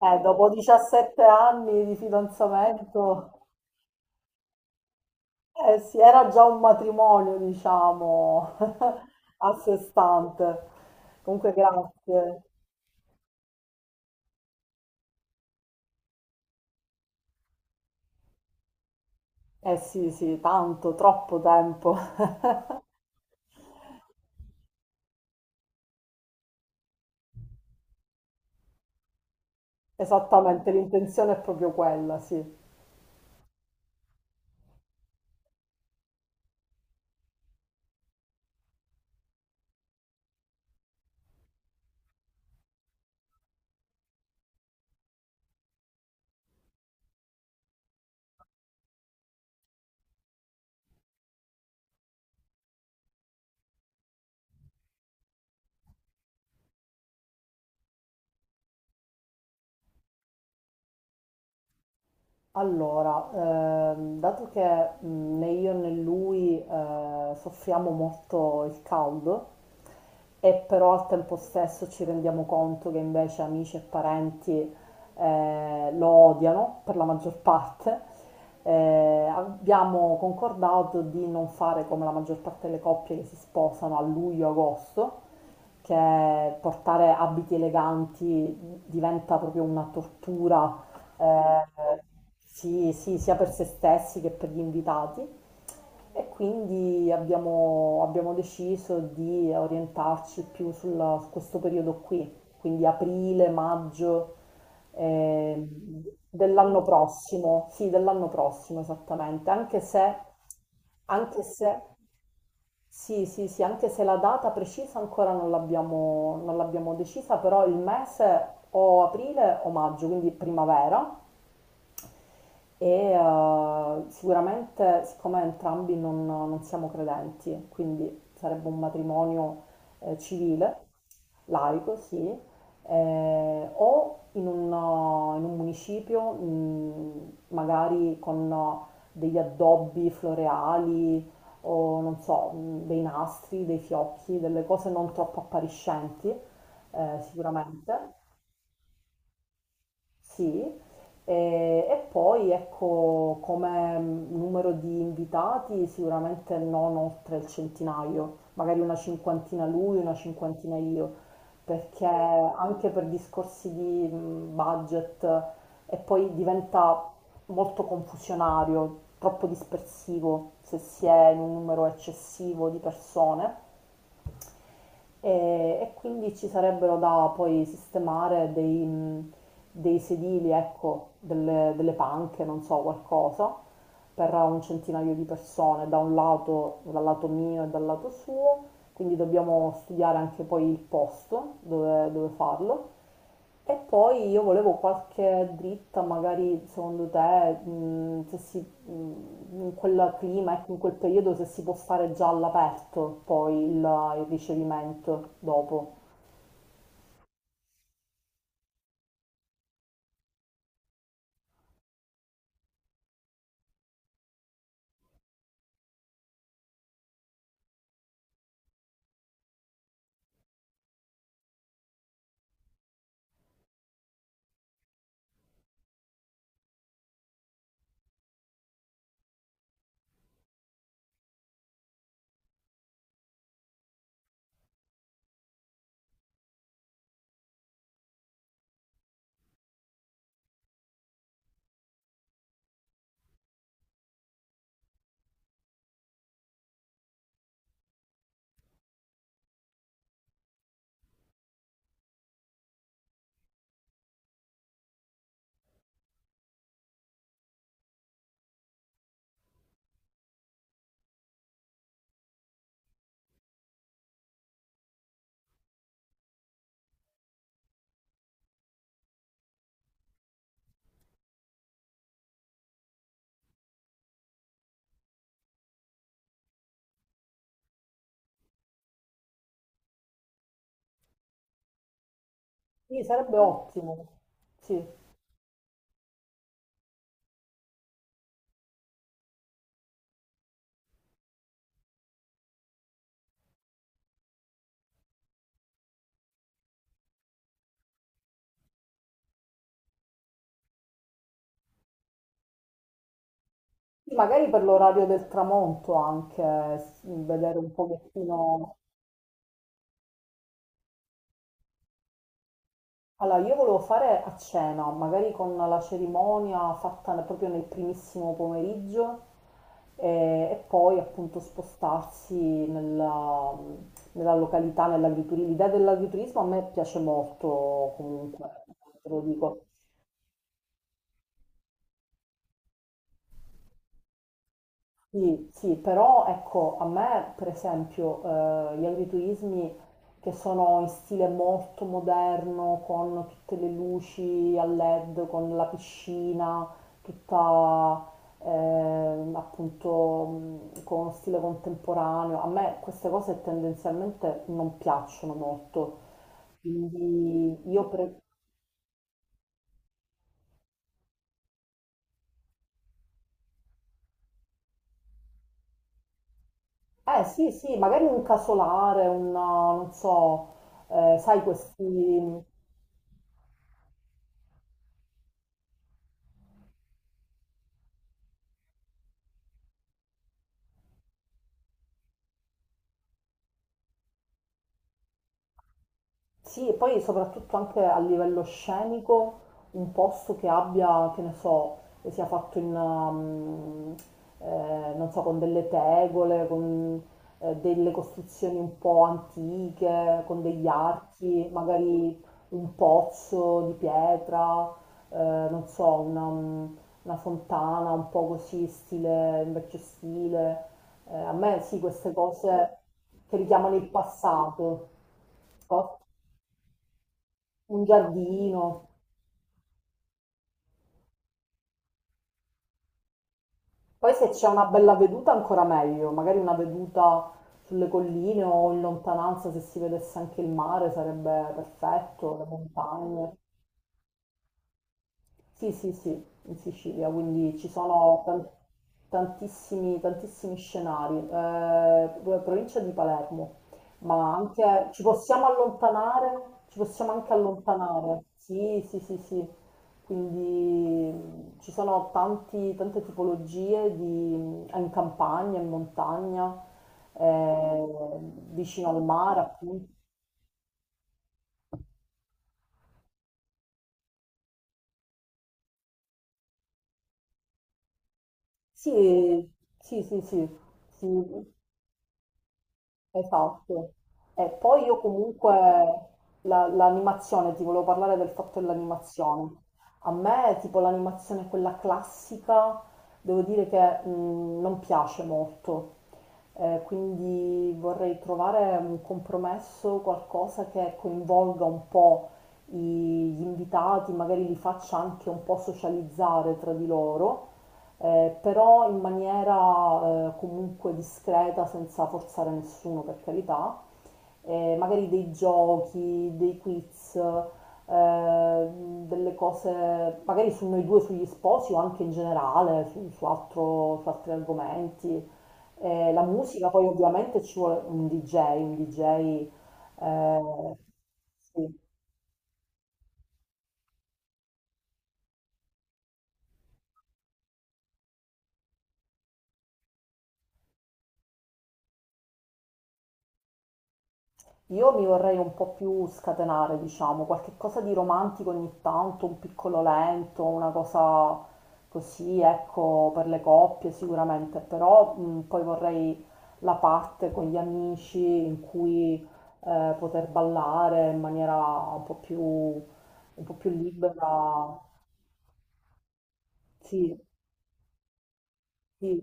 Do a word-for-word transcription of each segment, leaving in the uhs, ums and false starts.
Eh, dopo diciassette anni di fidanzamento, eh sì, era già un matrimonio, diciamo, a sé stante. Comunque, grazie. Eh sì, sì, tanto, troppo tempo. Esattamente, l'intenzione è proprio quella, sì. Allora, ehm, dato che mh, né io né lui eh, soffriamo molto il caldo, e però al tempo stesso ci rendiamo conto che invece amici e parenti eh, lo odiano per la maggior parte, eh, abbiamo concordato di non fare come la maggior parte delle coppie che si sposano a luglio-agosto, che portare abiti eleganti diventa proprio una tortura eh, sì, sì, sia per se stessi che per gli invitati e quindi abbiamo, abbiamo deciso di orientarci più sulla- su questo periodo qui, quindi aprile, maggio eh, dell'anno prossimo, sì, dell'anno prossimo esattamente, anche se, anche se, sì, sì, sì, anche se la data precisa ancora non l'abbiamo non l'abbiamo decisa, però il mese o aprile o maggio, quindi primavera. E eh, sicuramente, siccome entrambi non, non siamo credenti, quindi sarebbe un matrimonio eh, civile, laico, sì, eh, o in un, uh, in un municipio, mh, magari con uh, degli addobbi floreali o non so, mh, dei nastri, dei fiocchi, delle cose non troppo appariscenti, eh, sicuramente. Sì, e, e poi ecco come mm, numero di invitati sicuramente non oltre il centinaio, magari una cinquantina lui, una cinquantina io, perché anche per discorsi di mh, budget e poi diventa molto confusionario, troppo dispersivo se si è in un numero eccessivo di persone e, e quindi ci sarebbero da poi sistemare dei, mh, dei sedili, ecco, delle, delle panche, non so, qualcosa per un centinaio di persone, da un lato, dal lato mio e dal lato suo, quindi dobbiamo studiare anche poi il posto dove, dove farlo. E poi io volevo qualche dritta, magari secondo te, mh, se si, mh, in quel clima, ecco, in quel periodo, se si può fare già all'aperto poi il, il ricevimento dopo. Sì, sarebbe ottimo. Sì. Sì, magari per l'orario del tramonto anche, s- vedere un pochettino. Allora, io volevo fare a cena, magari con la cerimonia fatta ne- proprio nel primissimo pomeriggio eh, e, poi appunto spostarsi nella, nella località, nell'agriturismo. L'idea dell'agriturismo a me piace molto comunque, te lo dico. Sì, sì, però ecco, a me per esempio eh, gli agriturismi che sono in stile molto moderno, con tutte le luci a L E D, con la piscina, tutta eh, appunto mh, con uno stile contemporaneo, a me queste cose tendenzialmente non piacciono molto, quindi io pre- eh sì, sì, magari un casolare, una, non so, eh, sai questi... Sì, e poi soprattutto anche a livello scenico, un posto che abbia, che ne so, che sia fatto in, um, eh, non so, con delle tegole, con eh, delle costruzioni un po' antiche, con degli archi, magari un pozzo di pietra, eh, non so, una, um, una fontana un po' così, stile, in vecchio stile. Eh, a me sì, queste cose che richiamano il passato. Cosa? Un giardino. Poi se c'è una bella veduta ancora meglio, magari una veduta sulle colline o in lontananza se si vedesse anche il mare sarebbe perfetto, le montagne. Sì, sì, sì, in Sicilia, quindi ci sono tan- tantissimi, tantissimi scenari. Eh, pro- provincia di Palermo, ma anche ci possiamo allontanare, ci possiamo anche allontanare. Sì, sì, sì, sì. Quindi mh, ci sono tanti- tante tipologie di, mm, in campagna, in montagna, eh, vicino al mare, appunto. Sì, sì, sì, sì. Sì, esatto. E poi io comunque la- l'animazione, ti volevo parlare del fatto dell'animazione. A me tipo l'animazione quella classica, devo dire che mh, non piace molto. Eh, quindi vorrei trovare un compromesso, qualcosa che coinvolga un po' i- gli invitati, magari li faccia anche un po' socializzare tra di loro eh, però in maniera eh, comunque discreta, senza forzare nessuno per carità, eh, magari dei giochi, dei quiz, eh, delle cose, magari su noi due, sugli sposi o anche in generale, su, su altro- su altri argomenti. Eh, la musica poi ovviamente ci vuole un di jay, un di jay... eh, sì. Io mi vorrei un po' più scatenare, diciamo, qualche cosa di romantico ogni tanto, un piccolo lento, una cosa così, ecco, per le coppie sicuramente, però mh, poi vorrei la parte con gli amici in cui eh, poter ballare in maniera un po' più, un po' più libera. Sì, sì.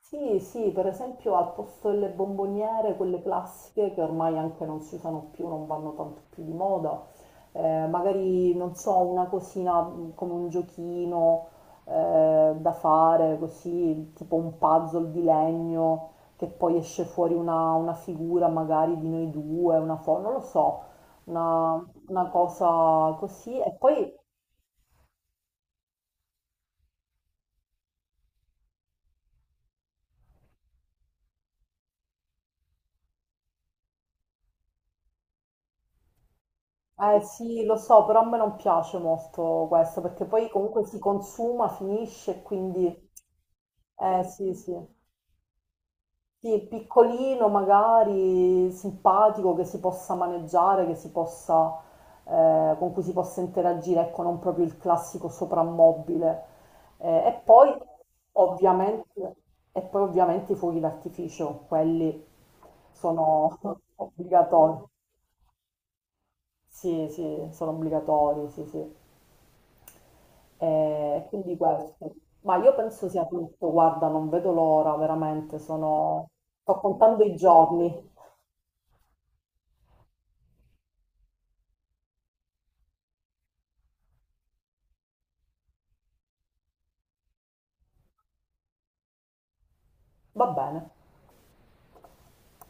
Sì, sì, per esempio al posto delle bomboniere, quelle classiche che ormai anche non si usano più, non vanno tanto più di moda, eh, magari non so, una cosina mh, come un giochino eh, da fare così, tipo un puzzle di legno che poi esce fuori una, una figura magari di noi due, una foto, non lo so, una, una cosa così e poi eh sì, lo so, però a me non piace molto questo perché poi comunque si consuma, finisce, quindi eh sì, sì. Sì, piccolino, magari simpatico, che si possa maneggiare, che si possa, eh, con cui si possa interagire, ecco, non proprio il classico soprammobile. Eh, e poi ovviamente, e poi ovviamente i fuochi d'artificio, quelli sono obbligatori. Sì, sì, sono obbligatori, sì, sì. E quindi questo. Ma io penso sia tutto, guarda, non vedo l'ora, veramente, sono... sto contando i giorni. Va bene.